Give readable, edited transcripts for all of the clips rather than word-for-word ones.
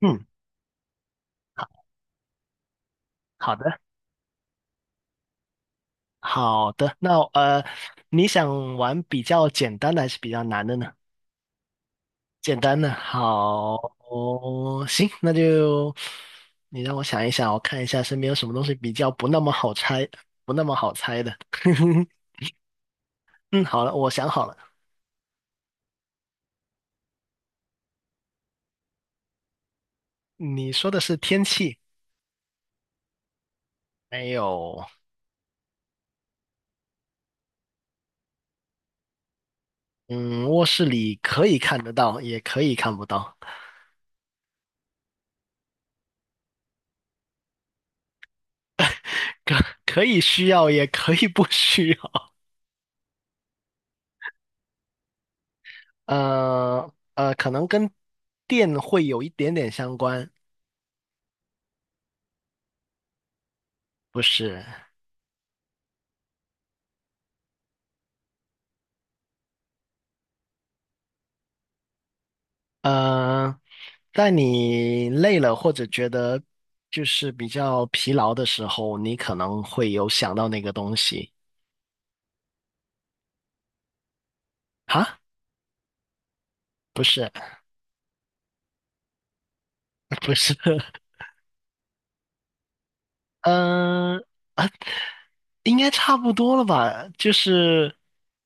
嗯，好，好的，好的。那你想玩比较简单的还是比较难的呢？简单的，好，哦，行，那就你让我想一想，我看一下身边有什么东西比较不那么好猜，不那么好猜的。嗯，好了，我想好了，你说的是天气，还有，嗯，卧室里可以看得到，也可以看不到，可可以需要，也可以不需要。可能跟电会有一点点相关，不是？呃，在你累了或者觉得就是比较疲劳的时候，你可能会有想到那个东西。哈，不是，不是，嗯、呃，啊应该差不多了吧？就是，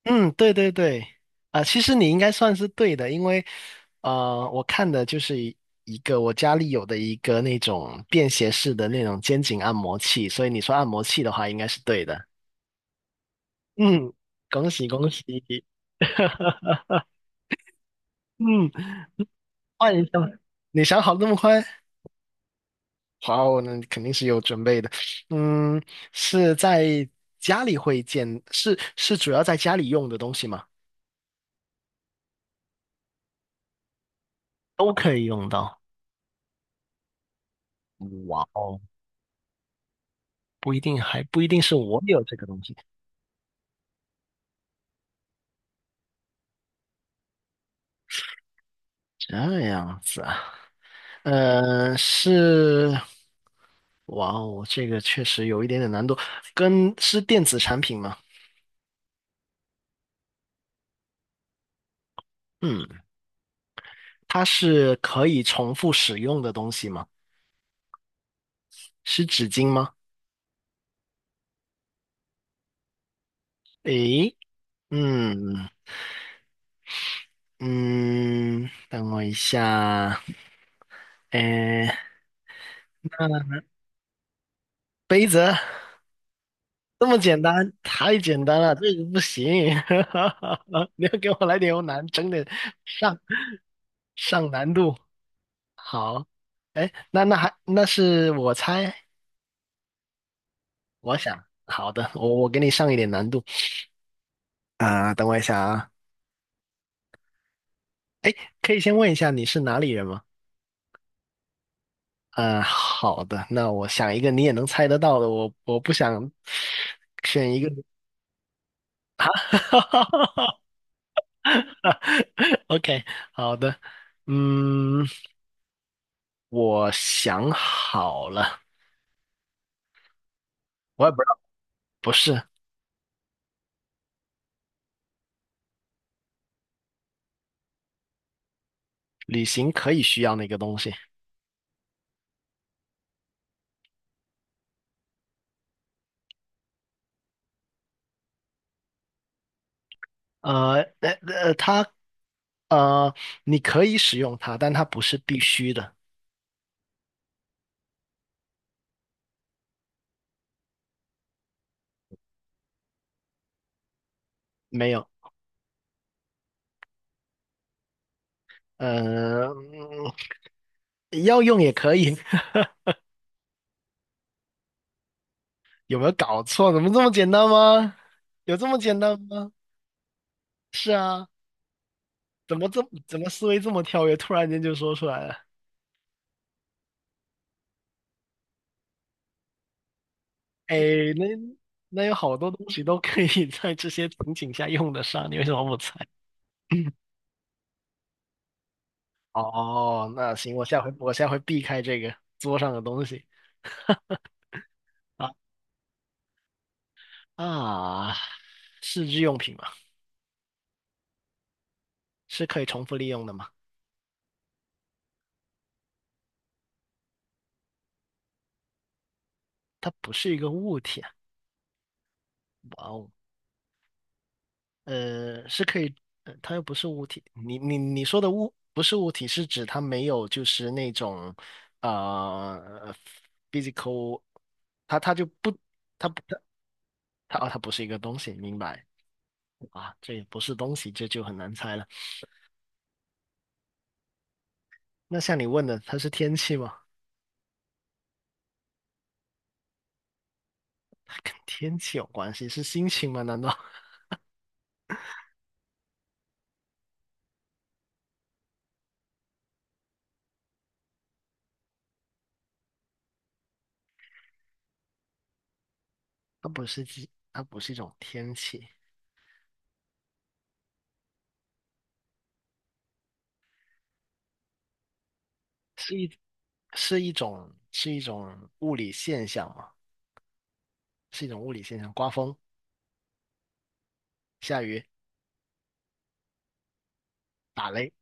嗯，对对对，其实你应该算是对的，因为，呃，我看的就是一个我家里有的一个那种便携式的那种肩颈按摩器，所以你说按摩器的话，应该是对的。嗯，恭喜恭喜。嗯，换一下吧，你想好得那么快？好，那肯定是有准备的。嗯，是在家里会见，是主要在家里用的东西吗？都可以用到。哇哦，不一定是我有这个东西，这样子啊，呃，是，哇哦，这个确实有一点点难度，跟是电子产品吗？嗯，它是可以重复使用的东西吗？是纸巾吗？诶，嗯嗯，等我一下，诶，那杯子，这么简单，太简单了，这个不行。你要给我来点有难，整点上上难度。好，哎，那是我猜，我想，好的，我给你上一点难度等我一下啊，哎，可以先问一下你是哪里人吗？嗯，好的，那我想一个你也能猜得到的，我不想选一个。OK，好的，嗯。我想好了，我也不知道，不是，旅行可以需要那个东西。它，呃，你可以使用它，但它不是必须的。没有，呃，嗯要用也可以。有没有搞错？怎么这么简单吗？有这么简单吗？是啊，怎么这怎么思维这么跳跃？突然间就说出来了。哎，那那有好多东西都可以 在这些情景下用得上，你为什么不猜？哦，那行，我下回避开这个桌上的东西 啊啊，是日用品吗？是可以重复利用的吗？它不是一个物体啊。哇哦，呃，是可以，呃它又不是物体。你说的物不是物体，是指它没有就是那种呃 physical，它它就不它不它它啊它不是一个东西，明白啊？这也不是东西，这就很难猜了。那像你问的，它是天气吗？跟天气有关系，是心情吗？难道 它不是一种天气，是一是一种物理现象吗？是一种物理现象，刮风、下雨、打雷、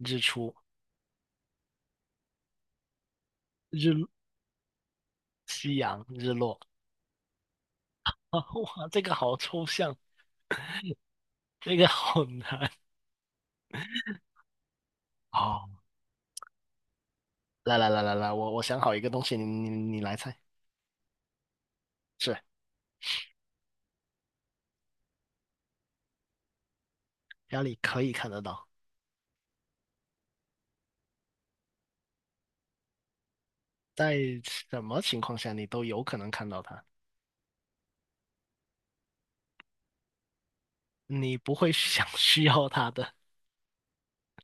日出、日夕阳、日落。啊，哇，这个好抽象，这个好难。哦，来来来来来，我想好一个东西，你来猜，是家里可以看得到，在什么情况下你都有可能看到它，你不会 想需要它的。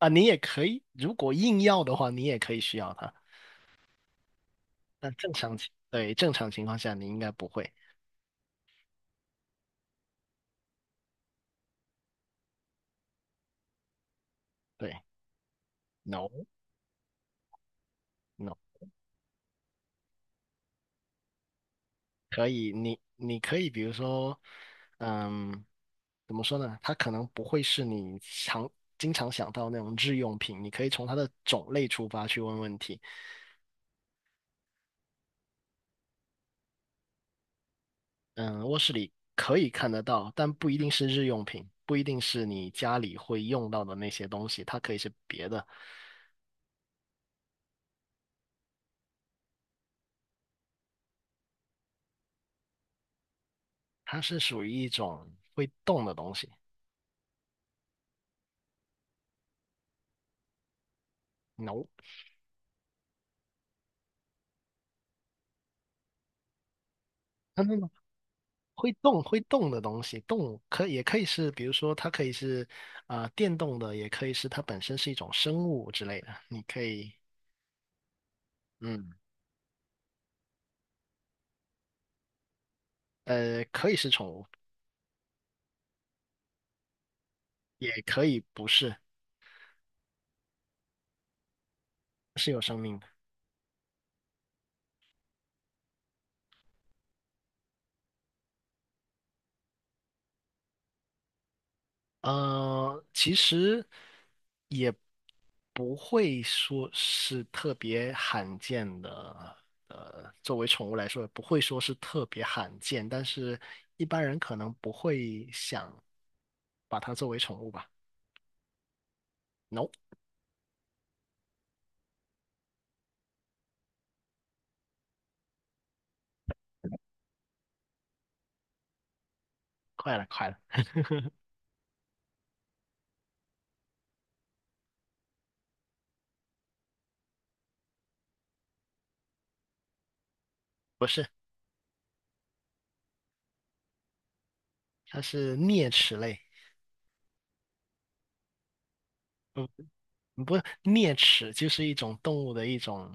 啊，你也可以，如果硬要的话，你也可以需要它。但正常情，对，正常情况下你应该不会。对，no no，可以，你你可以，比如说，嗯，怎么说呢？它可能不会是你经常想到那种日用品，你可以从它的种类出发去问问题。嗯，卧室里可以看得到，但不一定是日用品，不一定是你家里会用到的那些东西，它可以是别的，它是属于一种会动的东西。No，no，会动的东西，动物也可以是，比如说它可以是电动的，也可以是它本身是一种生物之类的。你可以，嗯，呃，可以是宠物，也可以不是，是有生命的。呃，其实也不会说是特别罕见的，呃，作为宠物来说，也不会说是特别罕见，但是一般人可能不会想把它作为宠物吧。No。快了，快了，不是，它是啮齿类，不不，啮齿就是一种动物的一种，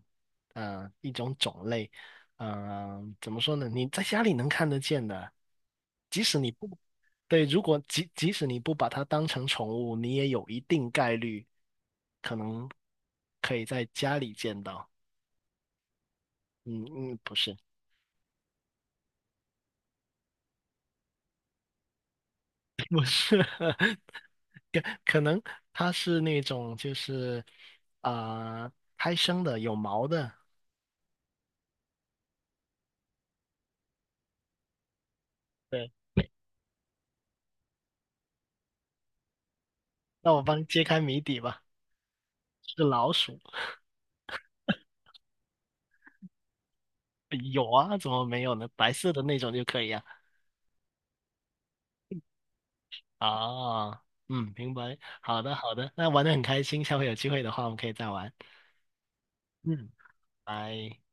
呃，一种种类，怎么说呢？你在家里能看得见的，即使你不，对，如果即使你不把它当成宠物，你也有一定概率可能可以在家里见到。嗯嗯，不是，不是，可能它是那种就是啊、呃胎生的有毛的，对，那我帮揭开谜底吧。是老鼠，呃有啊，怎么没有呢？白色的那种就可以啊。啊，嗯，明白。好的，好的，那玩的很开心，下回有机会的话，我们可以再玩。嗯，拜。